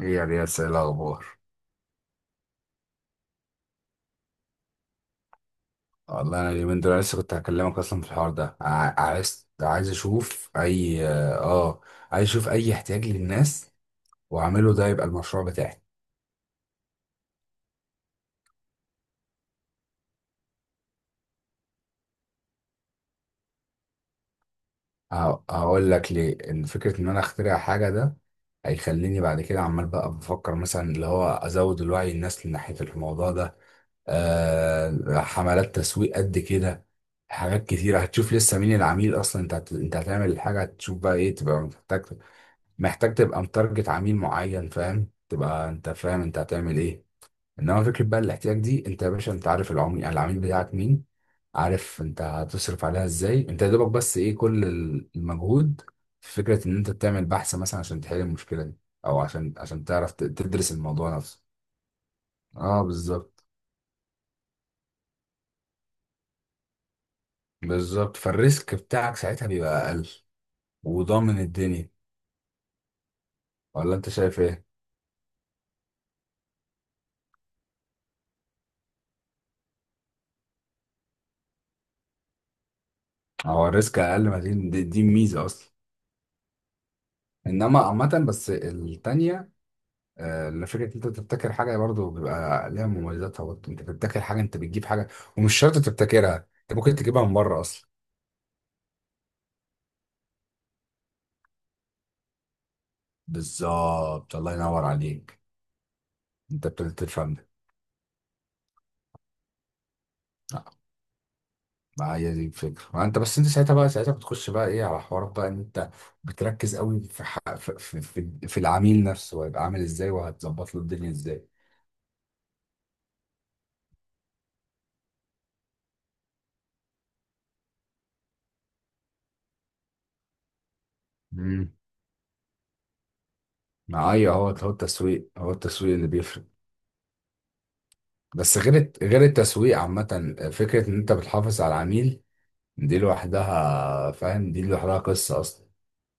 ايه يا رياس، ايه الاخبار؟ والله انا اليومين دول لسه كنت هكلمك اصلا في الحوار ده. عايز اشوف اي اه عايز اشوف اي احتياج للناس واعمله، ده يبقى المشروع بتاعي. هقول لك ليه. ان فكره ان انا اخترع حاجه، ده هيخليني بعد كده عمال بقى بفكر مثلا اللي هو ازود الوعي الناس من ناحيه الموضوع ده. حملات تسويق قد كده. حاجات كتيرة هتشوف لسه مين العميل اصلا. انت هتعمل الحاجة، هتشوف بقى ايه تبقى محتاج. محتاج تبقى متارجت عميل معين، فاهم؟ تبقى انت فاهم انت هتعمل ايه. انما فكره بقى الاحتياج دي، انت يا باشا انت عارف العميل بتاعك مين، عارف انت هتصرف عليها ازاي، انت يا دوبك بس ايه كل المجهود، في فكره ان انت تعمل بحث مثلا عشان تحل المشكله دي، او عشان تعرف تدرس الموضوع نفسه. اه بالظبط. بالظبط، فالريسك بتاعك ساعتها بيبقى اقل وضامن الدنيا. ولا انت شايف ايه؟ هو الريسك اقل، ما دي ميزه اصلا. انما عامه بس التانية، آه، فكرة إن انت تبتكر حاجة برضو بيبقى ليها مميزاتها. برضو انت بتبتكر حاجة، انت بتجيب حاجة، ومش شرط تبتكرها. انت ممكن تجيبها من بره اصلا. بالظبط، الله ينور عليك. انت ابتديت تفهم ده. لا، ما هي دي الفكرة. ما انت بس، انت ساعتها بقى، ساعتها بتخش بقى ايه على حوارات بقى ان انت بتركز قوي في ح... في... في... في في العميل نفسه هيبقى عامل ازاي، وهتظبط له الدنيا ازاي. امم ما ايوه، هو التسويق، هو التسويق اللي بيفرق. بس غير التسويق عامة، فكرة ان انت بتحافظ على العميل دي لوحدها، فاهم؟ دي لوحدها قصة أصلا.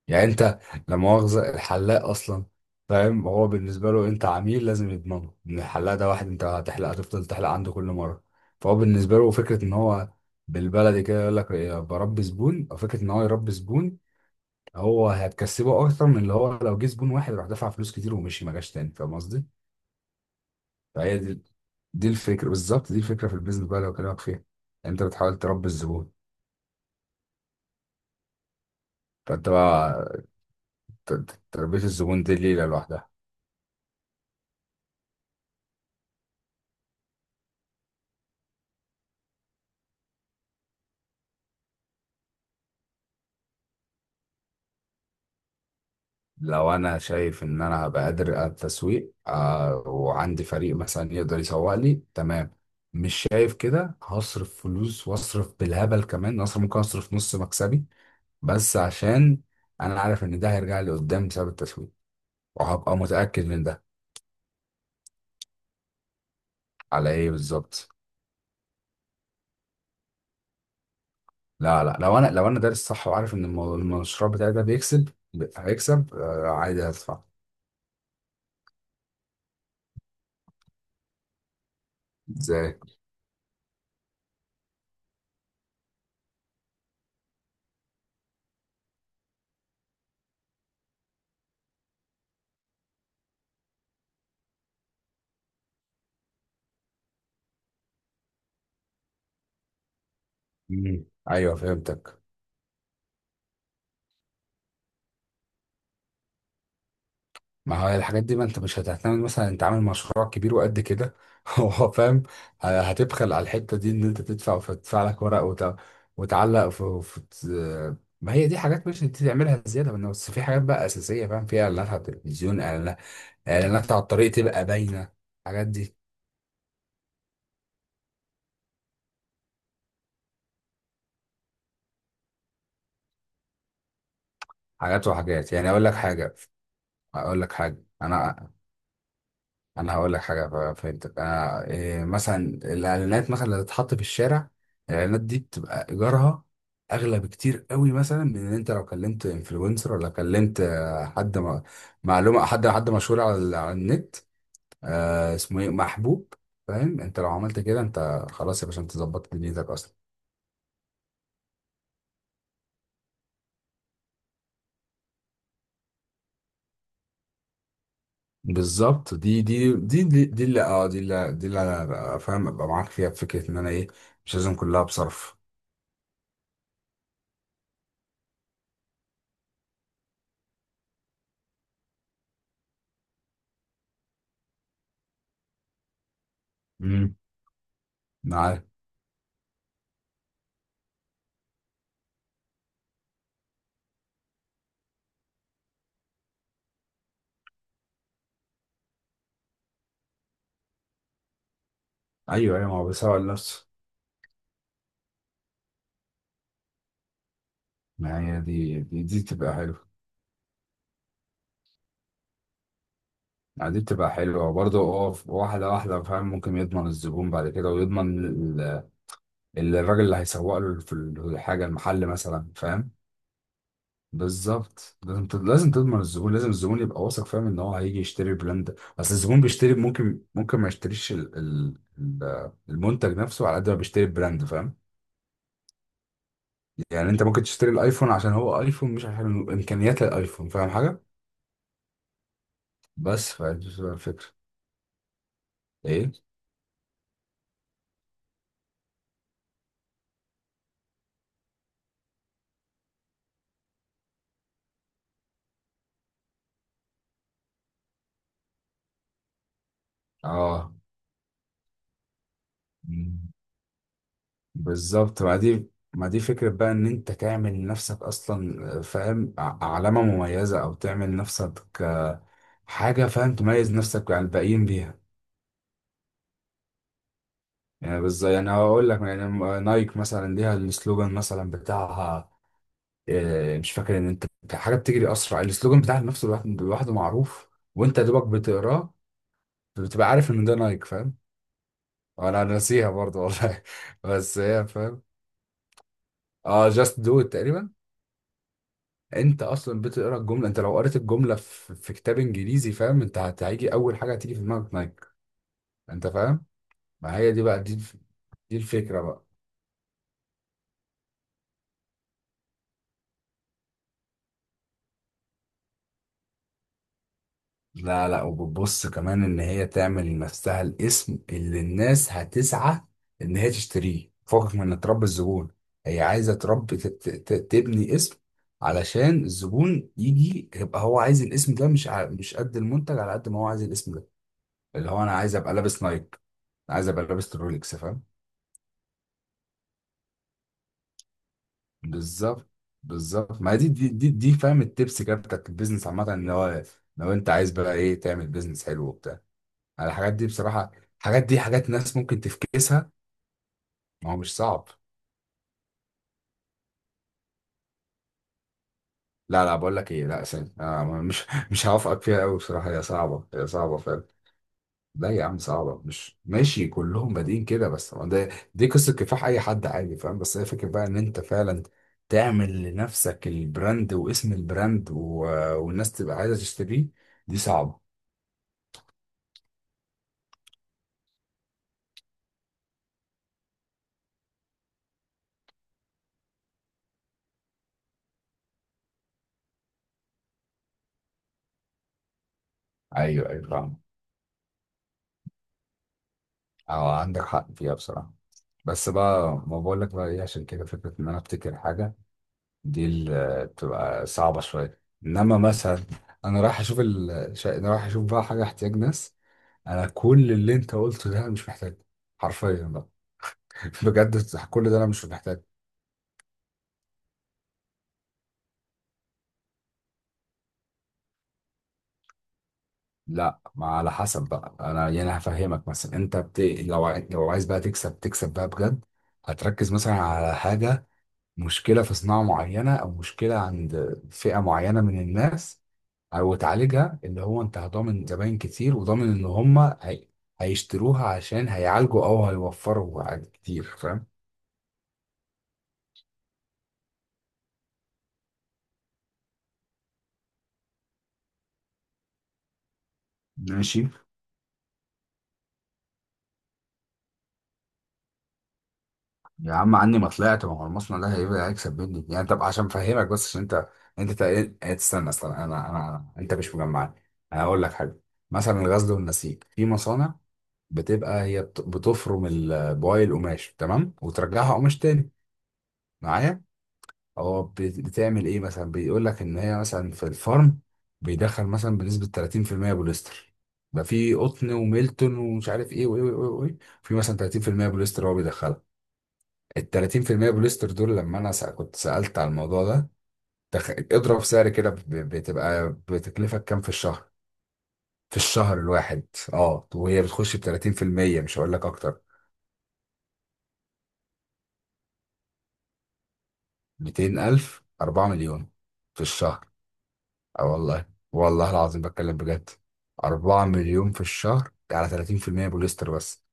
يعني أنت، لا مؤاخذة، الحلاق أصلا، فاهم؟ هو بالنسبة له أنت عميل، لازم يضمنه إن الحلاق ده واحد أنت هتحلق هتفضل تحلق عنده كل مرة. فهو بالنسبة له فكرة إن هو، بالبلدي كده يقول لك إيه، بربي زبون، أو فكرة إن هو يربي زبون، هو هتكسبه أكتر من اللي هو لو جه زبون واحد راح دفع فلوس كتير ومشي ما جاش تاني. فاهم قصدي؟ فهي دي، دي الفكرة بالظبط، دي الفكرة في البيزنس بقى اللي بكلمك فيها. أنت بتحاول تربي الزبون. فأنت بقى، تربية الزبون دي ليلة لوحدها. لو أنا شايف إن أنا هبقى قادر على التسويق، آه، وعندي فريق مثلا يقدر يسوق لي تمام، مش شايف كده هصرف فلوس وأصرف بالهبل كمان، أصرف ممكن أصرف نص مكسبي، بس عشان أنا عارف إن ده هيرجع لي قدام بسبب التسويق، وهبقى متأكد من ده. على إيه بالظبط؟ لا لا، لو أنا دارس صح، وعارف إن المشروع بتاعي ده بيكسب، هيكسب، آه عادي هدفع. إزاي؟ مم. أيوه فهمتك. ما هو الحاجات دي، ما انت مش هتعتمد مثلا، انت عامل مشروع كبير وقد كده هو فاهم. هتبخل على الحتة دي ان انت تدفع، فتدفع لك ورق وتعلق في... في... ما هي دي حاجات مش انت تعملها زيادة منه. بس في حاجات بقى أساسية، فاهم؟ فيها إعلانات على التلفزيون، إعلانات، إعلانات على الطريق تبقى باينة. الحاجات دي حاجات وحاجات. يعني أقول لك حاجة، أقول لك حاجة أنا انا هقول لك حاجه. فهمتك. انا إيه مثلا؟ الاعلانات مثلا اللي تتحط في الشارع، الاعلانات دي بتبقى ايجارها اغلى بكتير قوي، مثلا من ان انت لو كلمت انفلونسر، ولا كلمت معلومه، حد مشهور على النت، آه اسمه ايه، محبوب، فاهم؟ انت لو عملت كده، انت خلاص يا باشا، انت ظبطت دنيتك اصلا. بالظبط، دي اللي، دي اللي انا بقى فاهم ابقى معاك فيها، بفكره ان انا ايه، مش لازم كلها بصرف. امم. معاك. ايوه ايوه، ما هو بيسوق لنفسه. ما هي دي تبقى حلوة. يعني دي بتبقى حلوة برضه. واحدة واحدة، فاهم؟ ممكن يضمن الزبون بعد كده، ويضمن ال- الراجل اللي هيسوق له في الحاجة، المحل مثلا، فاهم؟ بالظبط، لازم تضمن الزبون، لازم الزبون يبقى واثق، فاهم ان هو هيجي يشتري البراند. اصل الزبون بيشتري، ممكن ما يشتريش ال- المنتج نفسه على قد ما بيشتري البراند، فاهم؟ يعني انت ممكن تشتري الايفون عشان هو ايفون، مش عشان امكانيات الايفون، فاهم حاجة؟ بس فدي بتبقى الفكرة. ايه؟ اه بالظبط. ما دي فكرة بقى ان انت تعمل لنفسك اصلا، فاهم، علامة مميزة، او تعمل لنفسك حاجة فاهم، تميز نفسك عن الباقيين بيها. يعني بالظبط، يعني هقول لك، يعني نايك مثلا ليها السلوجان مثلا بتاعها، آه، مش فاكر ان انت، حاجة بتجري اسرع، السلوجان بتاع نفسه لوحده معروف، وانت يا دوبك بتقراه بتبقى عارف ان ده نايك، فاهم؟ انا ناسيها برضه والله بس هي فاهم. اه، جاست دو تقريبا. انت اصلا بتقرا الجمله، انت لو قريت الجمله في كتاب انجليزي، فاهم؟ انت هيجي اول حاجه هتيجي في دماغك نايك، انت فاهم؟ ما هي دي بقى دي الفكره بقى. لا لا، وبتبص كمان ان هي تعمل لنفسها الاسم اللي الناس هتسعى ان هي تشتريه فوقك، من ان تربي الزبون. هي عايزه تربي، تبني اسم، علشان الزبون يجي يبقى هو عايز الاسم ده، مش مش قد المنتج على قد ما هو عايز الاسم ده، اللي هو انا عايز ابقى لابس نايك، عايز ابقى لابس رولكس، فاهم؟ بالظبط. بالظبط، ما دي فاهم، التبس كده بتاعت البيزنس عامة ان هو، لو انت عايز بقى ايه تعمل بيزنس حلو وبتاع، على الحاجات دي بصراحة. الحاجات دي حاجات ناس ممكن تفكسها. ما هو مش صعب. لا لا، بقول لك ايه، لا ثاني مش، مش هوافقك فيها قوي بصراحة. هي صعبة، هي صعبة فعلا. لا يا عم صعبة، مش ماشي كلهم بادئين كده، بس ما ده دي قصة كفاح اي حد عادي، فاهم؟ بس هي فكرة بقى ان انت فعلا تعمل لنفسك البراند واسم البراند، و... والناس تبقى عايزة تشتريه. دي صعبة. ايوه ايوه فاهم. اه عندك حق فيها بصراحه. بس بقى، ما بقول لك بقى ايه، عشان كده فكره ان انا افتكر حاجه، دي اللي بتبقى صعبه شويه. انما مثلا، انا رايح اشوف انا رايح اشوف بقى حاجه احتياج ناس. انا كل اللي انت قلته ده انا مش محتاجه، حرفيا بقى بجد. كل ده انا مش محتاجه. لا، ما على حسب بقى. انا يعني هفهمك مثلا، لو عايز بقى تكسب، بقى بجد، هتركز مثلا على حاجه، مشكلة في صناعة معينة أو مشكلة عند فئة معينة من الناس، أو تعالجها، اللي هو أنت هضامن زباين كتير، وضامن إن هما هي... هيشتروها عشان هيعالجوا أو هيوفروا حاجات كتير، فاهم؟ ماشي. يا عم عني ما طلعت، ما هو المصنع ده هيبقى هيكسب مني يعني. طب عشان أفهمك بس، عشان أنت، أنت تستنى أصلا. أنت مش مجمعني. أنا هقول لك حاجة. مثلا الغزل والنسيج في مصانع بتبقى هي بتفرم بواقي القماش تمام، وترجعها قماش تاني، معايا؟ هو بتعمل ايه مثلا؟ بيقول لك ان هي مثلا في الفرن بيدخل مثلا بنسبة 30% بوليستر. بقى في قطن وميلتون ومش عارف ايه وايه وايه وايه، في مثلا 30% بوليستر هو بيدخلها. ال 30% بوليستر دول، لما انا كنت سألت على الموضوع ده، تخ... اضرب سعر كده ب-، بتبقى بتكلفك كام في الشهر، في الشهر الواحد؟ اه، وهي بتخش ب 30%، مش هقول لك اكتر. 200,000، 4 مليون في الشهر. اه والله، والله العظيم بتكلم بجد. 4 مليون في الشهر ده على 30% بوليستر بس.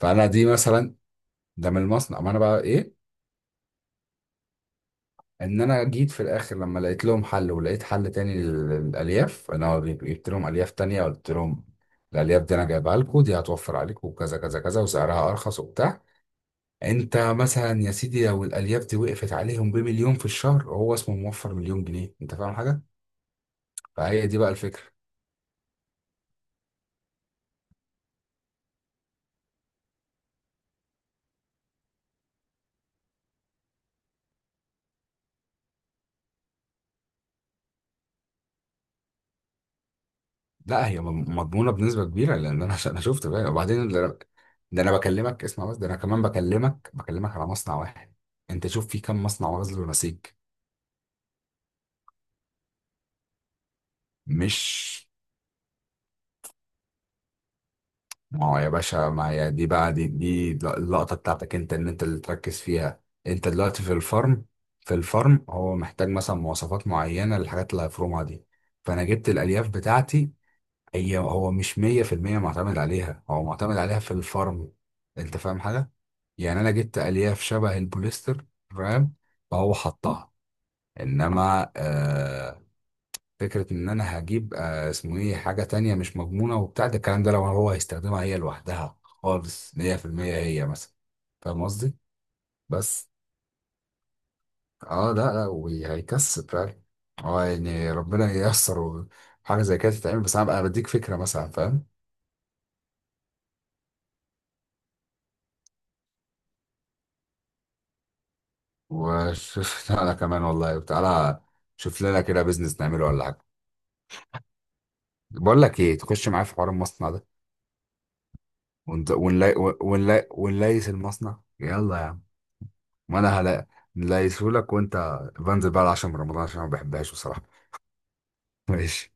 فانا دي مثلا، ده من المصنع، ما انا بقى ايه، ان انا جيت في الاخر لما لقيت لهم حل، ولقيت حل تاني للالياف. انا جبت لهم الياف تانية، قلت لهم الالياف دي انا جايبها لكم، دي هتوفر عليكم وكذا كذا كذا، وسعرها ارخص وبتاع. انت مثلا يا سيدي، لو الالياف دي وقفت عليهم بمليون في الشهر، هو اسمه موفر مليون جنيه، انت فاهم حاجه؟ فهي دي بقى الفكره. لا، هي مضمونه بنسبه كبيره، لان انا انا شفت بقى. وبعدين ده انا، ده أنا بكلمك، اسمع بس، ده انا كمان بكلمك، على مصنع واحد. انت شوف في كم مصنع غزل ونسيج. مش، ما هو يا باشا، ما هي دي بقى دي اللقطه بتاعتك انت، ان انت اللي تركز فيها. انت دلوقتي في الفرم. في الفرم هو محتاج مثلا مواصفات معينه للحاجات اللي هيفرمها دي، فانا جبت الالياف بتاعتي. هي، هو مش 100% معتمد عليها، هو معتمد عليها في الفرم، انت فاهم حاجه؟ يعني انا جبت الياف شبه البوليستر، فاهم؟ فهو حطها. انما فكره ان انا هجيب آه اسمه ايه حاجه تانية مش مضمونه وبتاع، ده الكلام ده لو هو هيستخدمها هي لوحدها خالص 100%، هي مثلا، فاهم قصدي؟ بس. اه لا لا، وهيكسب فعلا. اه يعني ربنا ييسر حاجه زي كده تتعمل، بس انا بقى بديك فكره مثلا، فاهم؟ وشوف انا كمان والله تعالى، شوف لنا كده بيزنس نعمله ولا حاجه. بقول لك ايه، تخش معايا في حوار المصنع ده؟ ونت- ونلي ونليس المصنع، يلا يا عم. ما انا هلا نليسهولك، وانت بنزل بقى العشاء من رمضان عشان ما بحبهاش بصراحه ماشي.